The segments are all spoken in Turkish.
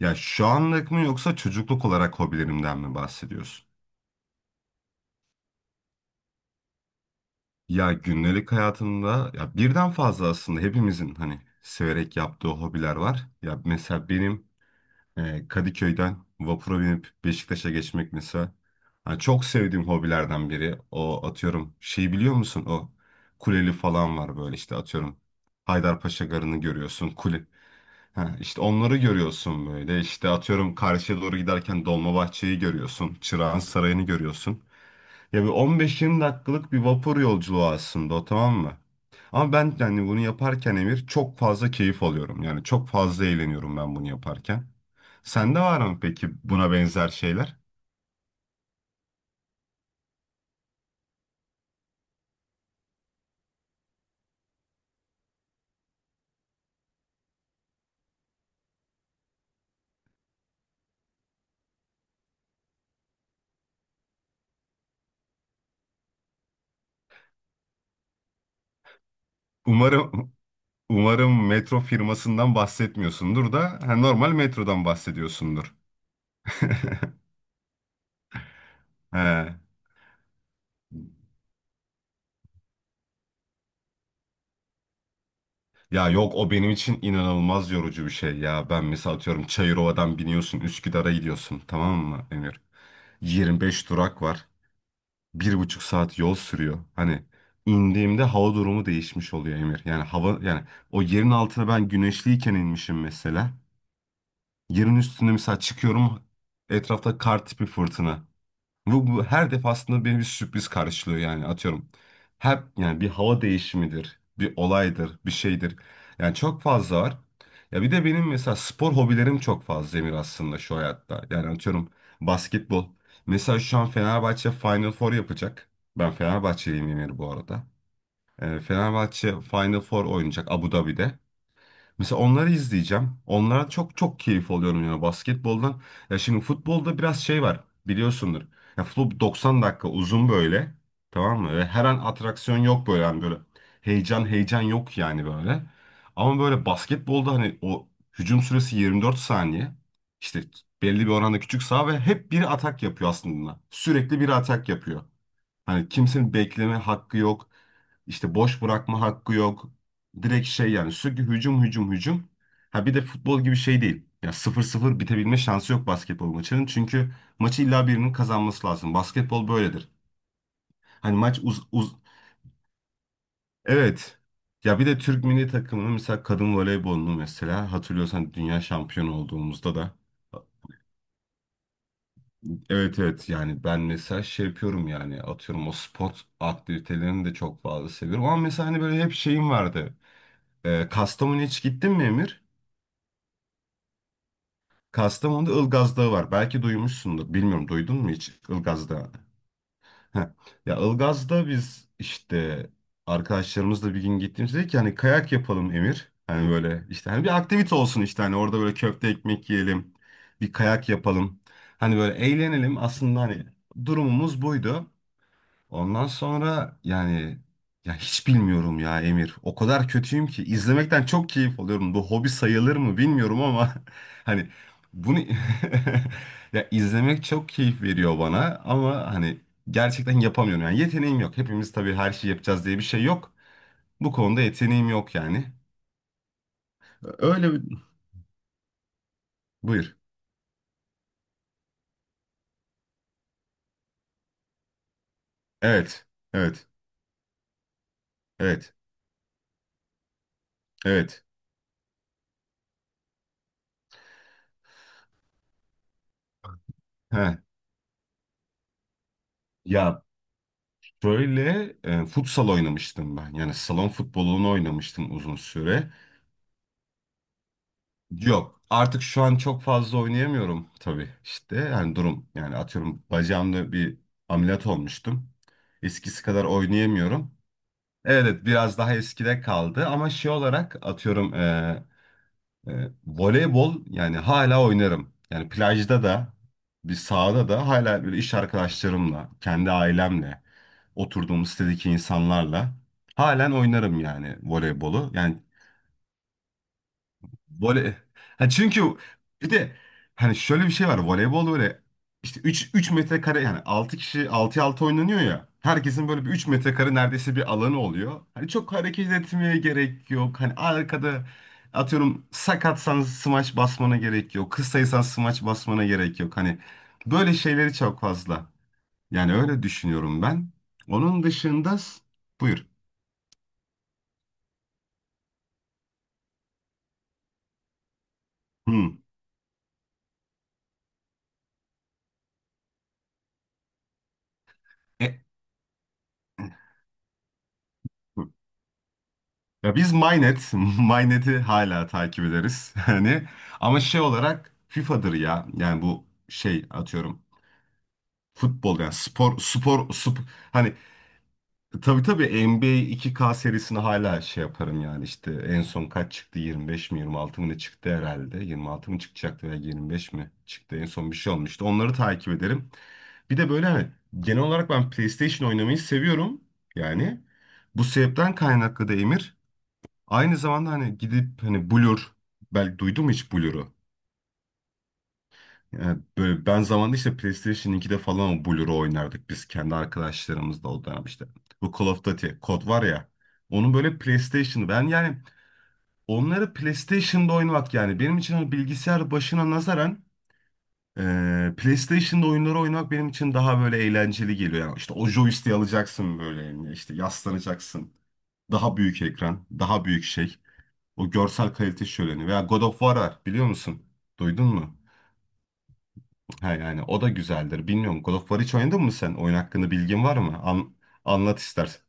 Ya şu anlık mı yoksa çocukluk olarak hobilerimden mi bahsediyorsun? Ya gündelik hayatımda ya birden fazla aslında hepimizin hani severek yaptığı hobiler var. Ya mesela benim Kadıköy'den vapura binip Beşiktaş'a geçmek mesela hani çok sevdiğim hobilerden biri. O atıyorum şey biliyor musun? O kuleli falan var böyle işte atıyorum Haydarpaşa Garı'nı görüyorsun. Kule. Ha, işte onları görüyorsun böyle. İşte atıyorum karşıya doğru giderken Dolmabahçe'yi görüyorsun. Çırağan Sarayı'nı görüyorsun. Ya bir 15-20 dakikalık bir vapur yolculuğu aslında o, tamam mı? Ama ben yani bunu yaparken Emir çok fazla keyif alıyorum. Yani çok fazla eğleniyorum ben bunu yaparken. Sende var mı peki buna benzer şeyler? Umarım umarım metro firmasından bahsetmiyorsundur da ha, normal metrodan bahsediyorsundur. He. Ya yok, o benim için inanılmaz yorucu bir şey ya. Ben mesela atıyorum Çayırova'dan biniyorsun Üsküdar'a gidiyorsun, tamam mı Emir? 25 durak var. 1,5 saat yol sürüyor. Hani indiğimde hava durumu değişmiş oluyor Emir. Yani hava yani o yerin altına ben güneşliyken inmişim mesela. Yerin üstüne mesela çıkıyorum etrafta kar tipi fırtına. Bu her defasında beni bir sürpriz karşılıyor yani atıyorum. Hep yani bir hava değişimidir, bir olaydır, bir şeydir. Yani çok fazla var. Ya bir de benim mesela spor hobilerim çok fazla Emir aslında şu hayatta. Yani atıyorum basketbol. Mesela şu an Fenerbahçe Final Four yapacak. Ben Fenerbahçeliyim Emir bu arada. Fenerbahçe Final Four oynayacak Abu Dhabi'de. Mesela onları izleyeceğim. Onlara çok çok keyif alıyorum yani basketboldan. Ya şimdi futbolda biraz şey var biliyorsundur. Ya futbol 90 dakika uzun böyle. Tamam mı? Ve her an atraksiyon yok böyle yani böyle heyecan heyecan yok yani böyle. Ama böyle basketbolda hani o hücum süresi 24 saniye. İşte belli bir oranda küçük saha ve hep biri atak yapıyor aslında. Sürekli biri atak yapıyor. Hani kimsenin bekleme hakkı yok. İşte boş bırakma hakkı yok. Direkt şey yani sürekli hücum hücum hücum. Ha bir de futbol gibi şey değil. Ya sıfır sıfır bitebilme şansı yok basketbol maçının. Çünkü maçı illa birinin kazanması lazım. Basketbol böyledir. Hani maç uz, uz Evet. Ya bir de Türk milli takımının mesela kadın voleybolunu mesela hatırlıyorsan dünya şampiyonu olduğumuzda da evet, evet, yani ben mesela şey yapıyorum yani atıyorum o spot aktivitelerini de çok fazla seviyorum ama mesela hani böyle hep şeyim vardı. Kastamonu'ya hiç gittin mi Emir? Kastamonu'da Ilgaz Dağı var. Belki duymuşsundur. Bilmiyorum duydun mu hiç Ilgaz Dağı'nı? Heh. Ya Ilgaz'da biz işte arkadaşlarımızla bir gün gittiğimizde dedik ki hani kayak yapalım Emir. Hani böyle işte hani bir aktivite olsun işte hani orada böyle köfte ekmek yiyelim. Bir kayak yapalım. Hani böyle eğlenelim aslında hani durumumuz buydu. Ondan sonra yani ya hiç bilmiyorum ya Emir. O kadar kötüyüm ki izlemekten çok keyif alıyorum. Bu hobi sayılır mı bilmiyorum ama hani bunu ya izlemek çok keyif veriyor bana ama hani gerçekten yapamıyorum. Yani yeteneğim yok. Hepimiz tabii her şeyi yapacağız diye bir şey yok. Bu konuda yeteneğim yok yani. Öyle bir... Buyur. Evet. Evet. Evet. Evet. He. Ya şöyle futsal oynamıştım ben. Yani salon futbolunu oynamıştım uzun süre. Yok. Artık şu an çok fazla oynayamıyorum tabii. İşte yani durum yani atıyorum bacağımda bir ameliyat olmuştum. Eskisi kadar oynayamıyorum. Evet biraz daha eskide kaldı ama şey olarak atıyorum e, voleybol yani hala oynarım. Yani plajda da bir sahada da hala böyle iş arkadaşlarımla, kendi ailemle, oturduğum sitedeki insanlarla halen oynarım yani voleybolu. Yani voley. Ha çünkü bir de hani şöyle bir şey var. Voleybol böyle işte 3 3 metrekare yani 6 kişi 6'ya 6 oynanıyor ya. Herkesin böyle bir 3 metrekare neredeyse bir alanı oluyor. Hani çok hareket etmeye gerek yok. Hani arkada atıyorum sakatsan smaç basmana gerek yok. Kısaysan smaç basmana gerek yok. Hani böyle şeyleri çok fazla. Yani öyle düşünüyorum ben. Onun dışında buyur. Hmm. E, ya biz Mynet, Mynet'i hala takip ederiz. Hani ama şey olarak FIFA'dır ya. Yani bu şey atıyorum futbol yani hani tabii tabii NBA 2K serisini hala şey yaparım yani işte en son kaç çıktı 25 mi 26 mı ne çıktı herhalde 26 mı çıkacaktı veya 25 mi çıktı en son bir şey olmuştu onları takip ederim. Bir de böyle hani genel olarak ben PlayStation oynamayı seviyorum yani bu sebepten kaynaklı da Emir aynı zamanda hani gidip hani Blur belki duydun mu hiç Blur'u? Yani böyle ben zamanında işte PlayStation 2'de falan o Blur'u oynardık biz kendi arkadaşlarımızla o dönem işte. Bu Call of Duty kod var ya. Onun böyle PlayStation ben yani onları PlayStation'da oynamak yani benim için hani bilgisayar başına nazaran PlayStation'da oyunları oynamak benim için daha böyle eğlenceli geliyor. Yani işte o joystick'i alacaksın böyle eline, işte yaslanacaksın. Daha büyük ekran, daha büyük şey. O görsel kalite şöleni. Veya God of War var biliyor musun? Duydun mu? Ha yani o da güzeldir. Bilmiyorum God of War hiç oynadın mı sen? Oyun hakkında bilgin var mı? Anlat istersen.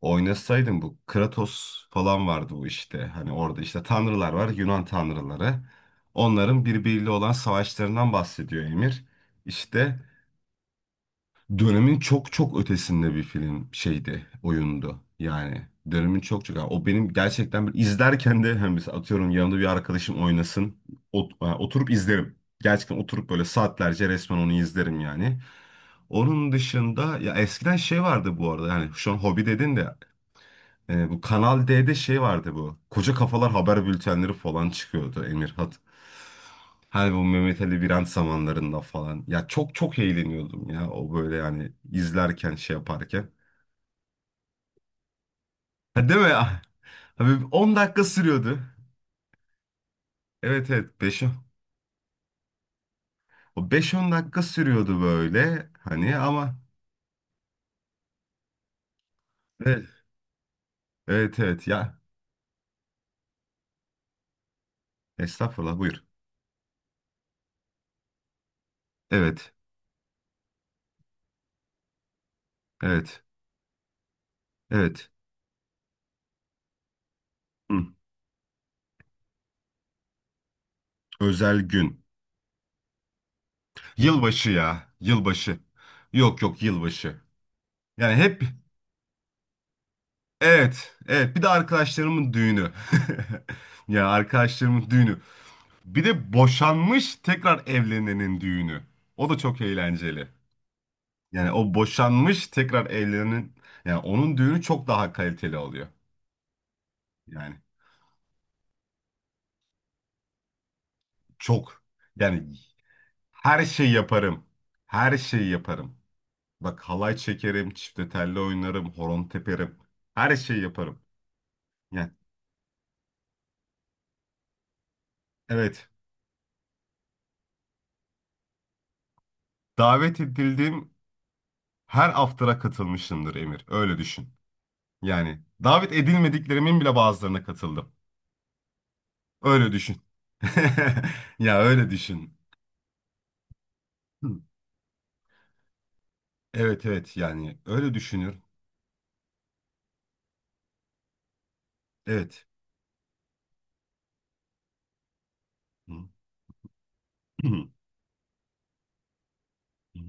Oynasaydın bu Kratos falan vardı bu işte. Hani orada işte tanrılar var, Yunan tanrıları. Onların birbiriyle olan savaşlarından bahsediyor Emir. İşte dönemin çok çok ötesinde bir film şeydi, oyundu. Yani dönemin çok çok. Yani o benim gerçekten bir izlerken de hani mesela atıyorum yanımda bir arkadaşım oynasın. Yani oturup izlerim. Gerçekten oturup böyle saatlerce resmen onu izlerim yani. Onun dışında ya eskiden şey vardı bu arada. Yani şu an hobi dedin de bu Kanal D'de şey vardı bu. Koca kafalar haber bültenleri falan çıkıyordu Emirhat. Hani bu Mehmet Ali Biran zamanlarında falan. Ya çok çok eğleniyordum ya o böyle yani izlerken şey yaparken. Ha, değil mi ya? Abi 10 dakika sürüyordu. Evet evet, 5 o beş on dakika sürüyordu böyle hani ama evet evet, evet ya, estağfurullah buyur. Evet evet evet. Hı. Özel gün. Yılbaşı ya yılbaşı. Yok yok yılbaşı. Yani hep evet evet bir de arkadaşlarımın düğünü. Ya arkadaşlarımın düğünü. Bir de boşanmış tekrar evlenenin düğünü. O da çok eğlenceli. Yani o boşanmış tekrar evlenenin yani onun düğünü çok daha kaliteli oluyor. Yani çok. Yani her şeyi yaparım. Her şeyi yaparım. Bak halay çekerim, çifte telli oynarım, horon teperim. Her şeyi yaparım. Yani evet. Davet edildim. Her after'a katılmışımdır Emir. Öyle düşün. Yani davet edilmediklerimin bile bazılarına katıldım. Öyle düşün. Ya öyle düşün. Hı. Evet evet yani öyle düşünür. Evet. Hı. Hı. Hı.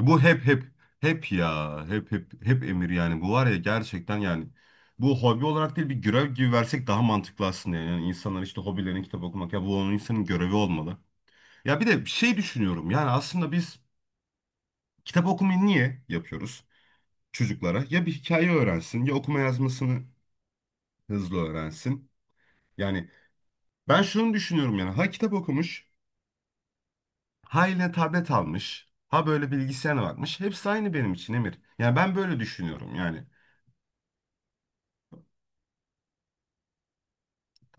Bu hep Emir yani bu var ya gerçekten yani bu hobi olarak değil bir görev gibi versek daha mantıklı aslında yani. Yani insanlar işte hobilerini kitap okumak ya, bu onun insanın görevi olmalı. Ya bir de şey düşünüyorum yani aslında biz kitap okumayı niye yapıyoruz? Çocuklara ya bir hikaye öğrensin ya okuma yazmasını hızlı öğrensin. Yani ben şunu düşünüyorum yani ha kitap okumuş, ha eline tablet almış, ha böyle bilgisayara bakmış. Hepsi aynı benim için Emir. Yani ben böyle düşünüyorum yani. Tamam